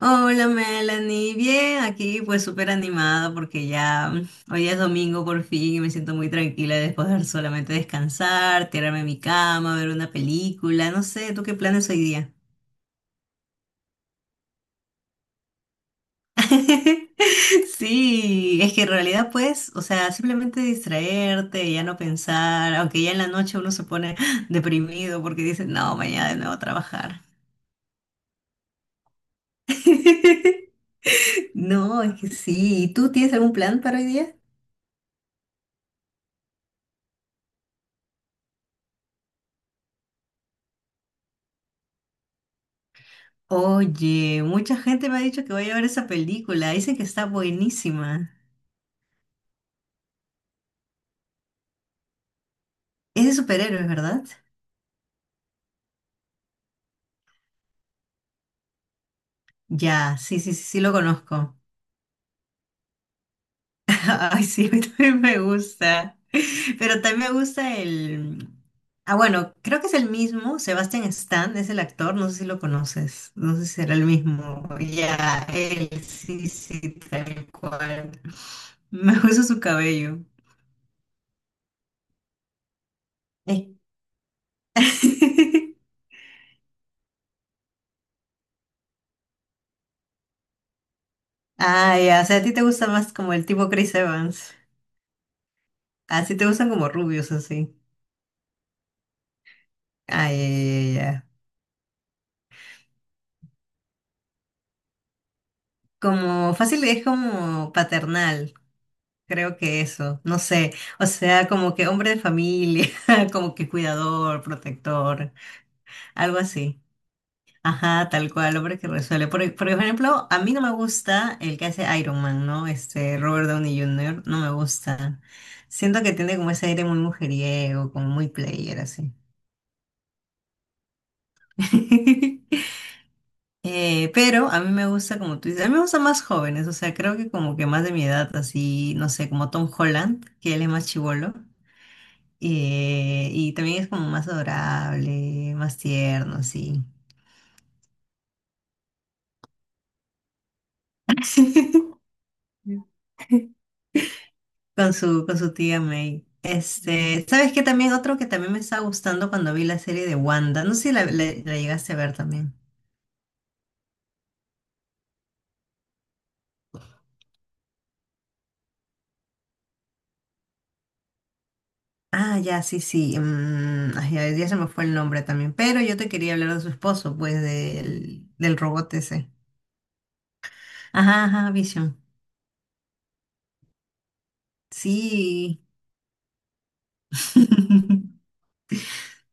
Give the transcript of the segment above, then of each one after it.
Hola Melanie, bien, aquí pues súper animada porque ya hoy es domingo por fin y me siento muy tranquila de poder solamente descansar, tirarme en mi cama, ver una película, no sé, ¿tú qué planes hoy día? Sí, es que en realidad pues, o sea, simplemente distraerte, ya no pensar, aunque ya en la noche uno se pone deprimido porque dice, no, mañana de nuevo a trabajar. No, es que sí, ¿y tú tienes algún plan para hoy día? Oye, mucha gente me ha dicho que voy a ver esa película. Dicen que está buenísima. Es de superhéroes, ¿verdad? Ya, sí, sí, sí, sí lo conozco. Ay, sí, a mí también me gusta. Pero también me gusta el... Ah, bueno, creo que es el mismo. Sebastian Stan es el actor. No sé si lo conoces. No sé si será el mismo. Ya, él, sí, sí, tal cual. Me gusta su cabello. Eh. Ah, ya, o sea, a ti te gusta más como el tipo Chris Evans. Así te gustan como rubios, así. Ay, ya, ya, ya. Como fácil es como paternal, creo que eso, no sé. O sea, como que hombre de familia, como que cuidador, protector, algo así. Ajá, tal cual, hombre que resuelve. Por ejemplo, a mí no me gusta el que hace Iron Man, ¿no? Este, Robert Downey Jr., no me gusta. Siento que tiene como ese aire muy mujeriego, como muy player, así. Pero a mí me gusta, como tú dices, a mí me gustan más jóvenes, o sea, creo que como que más de mi edad, así, no sé, como Tom Holland, que él es más chibolo, y también es como más adorable, más tierno, así, con su tía May. Este, ¿sabes qué? También otro que también me estaba gustando cuando vi la serie de Wanda, no sé si la, la llegaste a ver también. Ah, ya, sí, sí, ay, ya, ya se me fue el nombre también, pero yo te quería hablar de su esposo, pues, del, del robot ese. Ajá, ajá, Vision. Sí.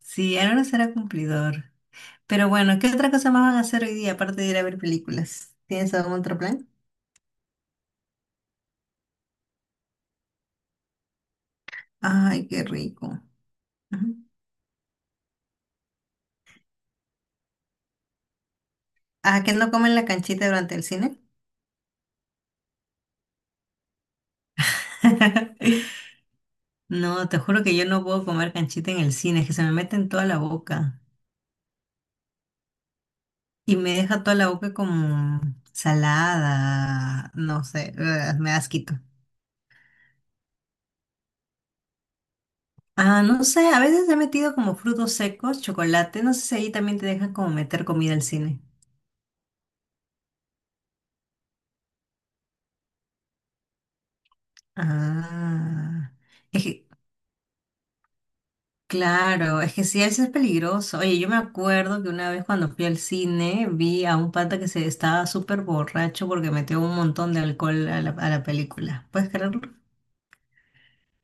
Sí, ahora será cumplidor. Pero bueno, ¿qué otra cosa más van a hacer hoy día aparte de ir a ver películas? ¿Tienes algún otro plan? Ay, qué rico. Ujú. Ah, ¿que no comen la canchita durante el cine? No, te juro que yo no puedo comer canchita en el cine, es que se me mete en toda la boca y me deja toda la boca como salada, no sé, ugh, me da asquito. Ah, no sé, a veces he metido como frutos secos, chocolate, no sé si ahí también te dejan como meter comida al cine. Ah, es que, claro, es que sí, eso es peligroso. Oye, yo me acuerdo que una vez cuando fui al cine vi a un pata que se estaba súper borracho porque metió un montón de alcohol a la película. ¿Puedes creerlo?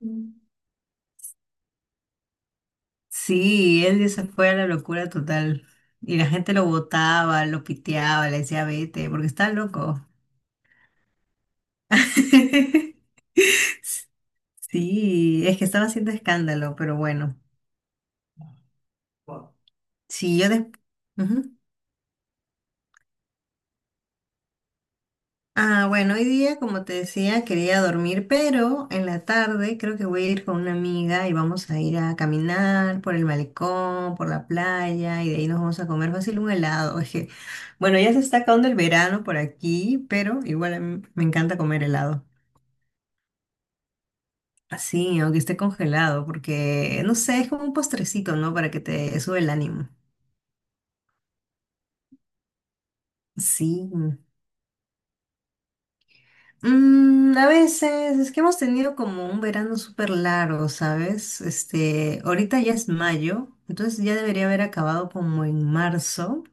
Mm. Sí, él ya se fue a la locura total. Y la gente lo botaba, lo piteaba, le decía vete, porque está loco. Sí, es que estaba haciendo escándalo, pero bueno. Sí, yo después... Ah, bueno, hoy día, como te decía, quería dormir, pero en la tarde creo que voy a ir con una amiga y vamos a ir a caminar por el malecón, por la playa y de ahí nos vamos a comer fácil un helado. Es que, bueno, ya se está acabando el verano por aquí, pero igual a mí me encanta comer helado. Así, aunque esté congelado, porque no sé, es como un postrecito, ¿no? Para que te sube el ánimo. Sí. A veces es que hemos tenido como un verano súper largo, ¿sabes? Este, ahorita ya es mayo, entonces ya debería haber acabado como en marzo.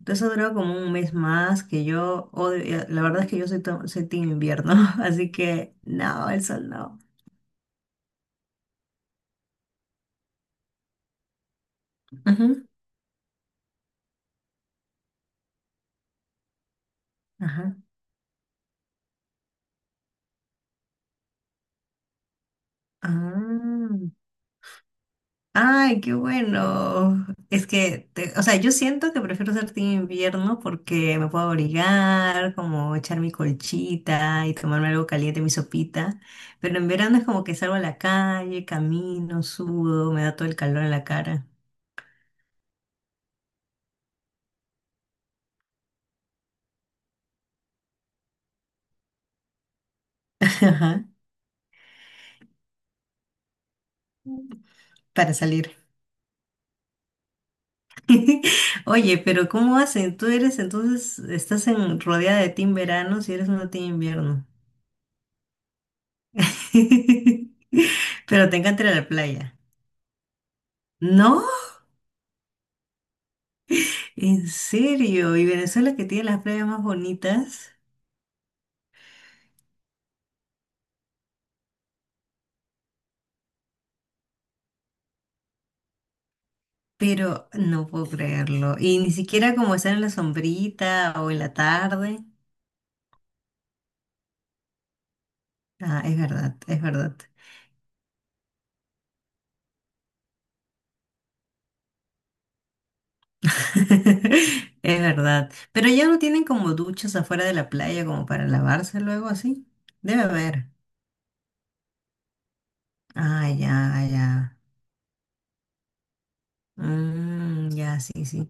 Entonces ha durado como un mes más que yo la verdad es que yo soy, soy team invierno, así que no, el sol no. Ujú, ajá. Ah. Ay, qué bueno. Es que, o sea, yo siento que prefiero ser team invierno porque me puedo abrigar, como echar mi colchita y tomarme algo caliente, mi sopita. Pero en verano es como que salgo a la calle, camino, sudo, me da todo el calor en la cara. Ajá. Para salir. Oye, pero ¿cómo hacen? Tú eres entonces, estás en rodeada de team verano si eres una team invierno. Pero te encanta ir a la playa. ¿No? En serio, y Venezuela que tiene las playas más bonitas, pero no puedo creerlo. Y ni siquiera como estar en la sombrita o en la tarde. Ah, es verdad, es verdad. Es verdad. Pero ya no tienen como duchas afuera de la playa como para lavarse luego así. Debe haber. Ah, ya, ya. Mm, ya, sí, sí.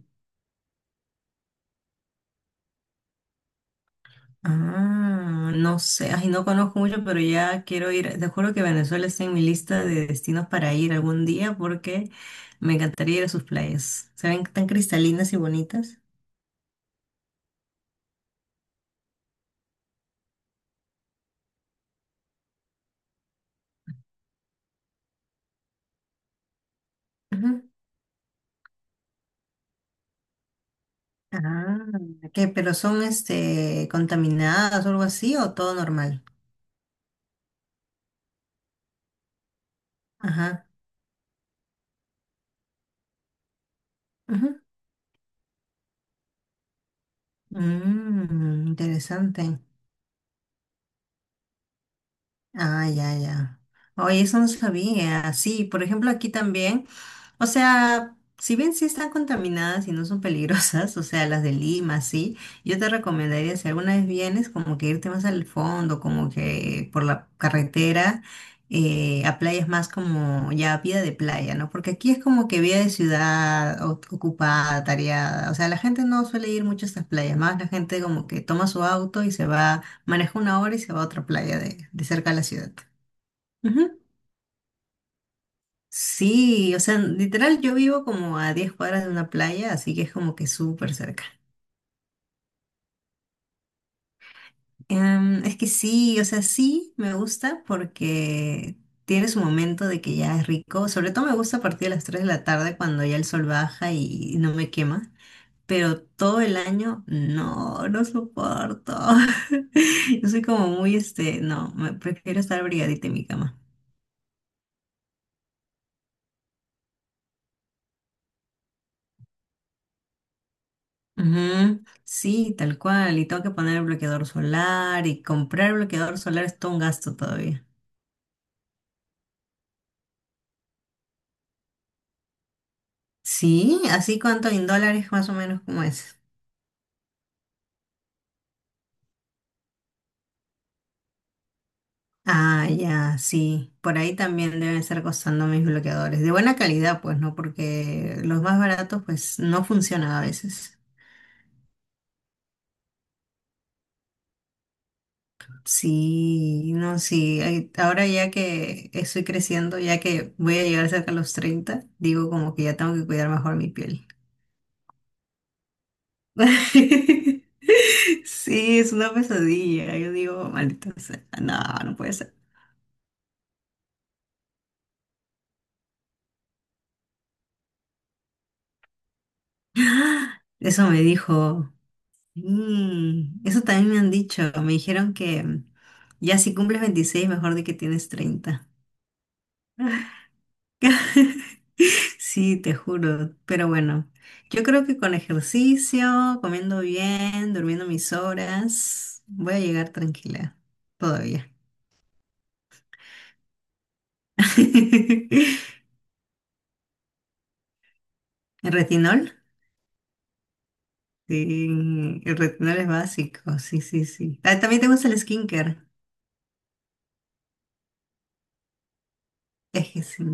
Ah, no sé, ay, no conozco mucho, pero ya quiero ir. Te juro que Venezuela está en mi lista de destinos para ir algún día porque me encantaría ir a sus playas. Se ven tan cristalinas y bonitas. Ujú. Ah, ¿qué? ¿Pero son este contaminadas o algo así o todo normal? Ajá. Ujú. Interesante. Ah, ya, ya. Oye, eso no sabía. Sí, por ejemplo, aquí también. O sea, si bien sí están contaminadas y no son peligrosas, o sea, las de Lima, sí, yo te recomendaría, si alguna vez vienes, como que irte más al fondo, como que por la carretera, a playas más como ya vida de playa, ¿no? Porque aquí es como que vida de ciudad ocupada, tareada. O sea, la gente no suele ir mucho a estas playas, más la gente como que toma su auto y se va. Maneja una hora y se va a otra playa de cerca de la ciudad. Ujú. Sí, o sea, literal yo vivo como a 10 cuadras de una playa, así que es como que súper cerca. Es que sí, o sea, sí me gusta porque tiene su momento de que ya es rico. Sobre todo me gusta a partir de las 3 de la tarde cuando ya el sol baja y no me quema. Pero todo el año no, no soporto. Yo soy como muy, este, no, me prefiero estar abrigadita en mi cama. Ujú, sí, tal cual. Y tengo que poner el bloqueador solar y comprar el bloqueador solar es todo un gasto todavía. Sí, así cuánto en dólares más o menos como es. Ah, ya, sí. Por ahí también deben estar costando mis bloqueadores. De buena calidad, pues, ¿no? Porque los más baratos, pues, no funcionan a veces. Sí, no, sí. Ahora ya que estoy creciendo, ya que voy a llegar cerca a los 30 digo como que ya tengo que cuidar mejor mi piel. Sí, es una pesadilla. Yo digo, maldita sea, no, no puede ser. Eso me dijo. Eso también me han dicho. Me dijeron que ya si cumples 26, mejor de que tienes 30. Sí, te juro. Pero bueno, yo creo que con ejercicio, comiendo bien, durmiendo mis horas, voy a llegar tranquila todavía. ¿Retinol? Sí, el retinol es básico, sí, sí, sí. Ah, también te gusta el skincare. Es que sí.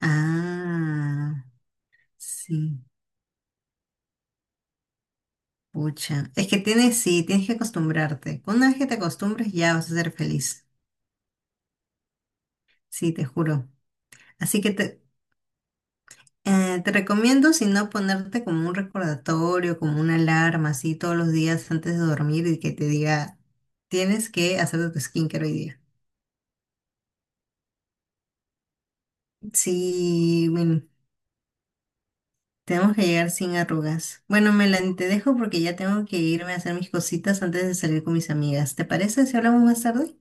Ah, sí. Pucha. Es que tienes, sí, tienes que acostumbrarte. Una vez que te acostumbres ya vas a ser feliz. Sí, te juro. Así que te recomiendo, si no, ponerte como un recordatorio, como una alarma, así todos los días antes de dormir y que te diga, tienes que hacer tu skincare hoy día. Sí, bueno. Tenemos que llegar sin arrugas. Bueno, Melanie, te dejo porque ya tengo que irme a hacer mis cositas antes de salir con mis amigas. ¿Te parece si hablamos más tarde?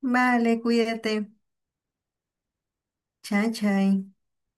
Vale, cuídate. Chao, chao.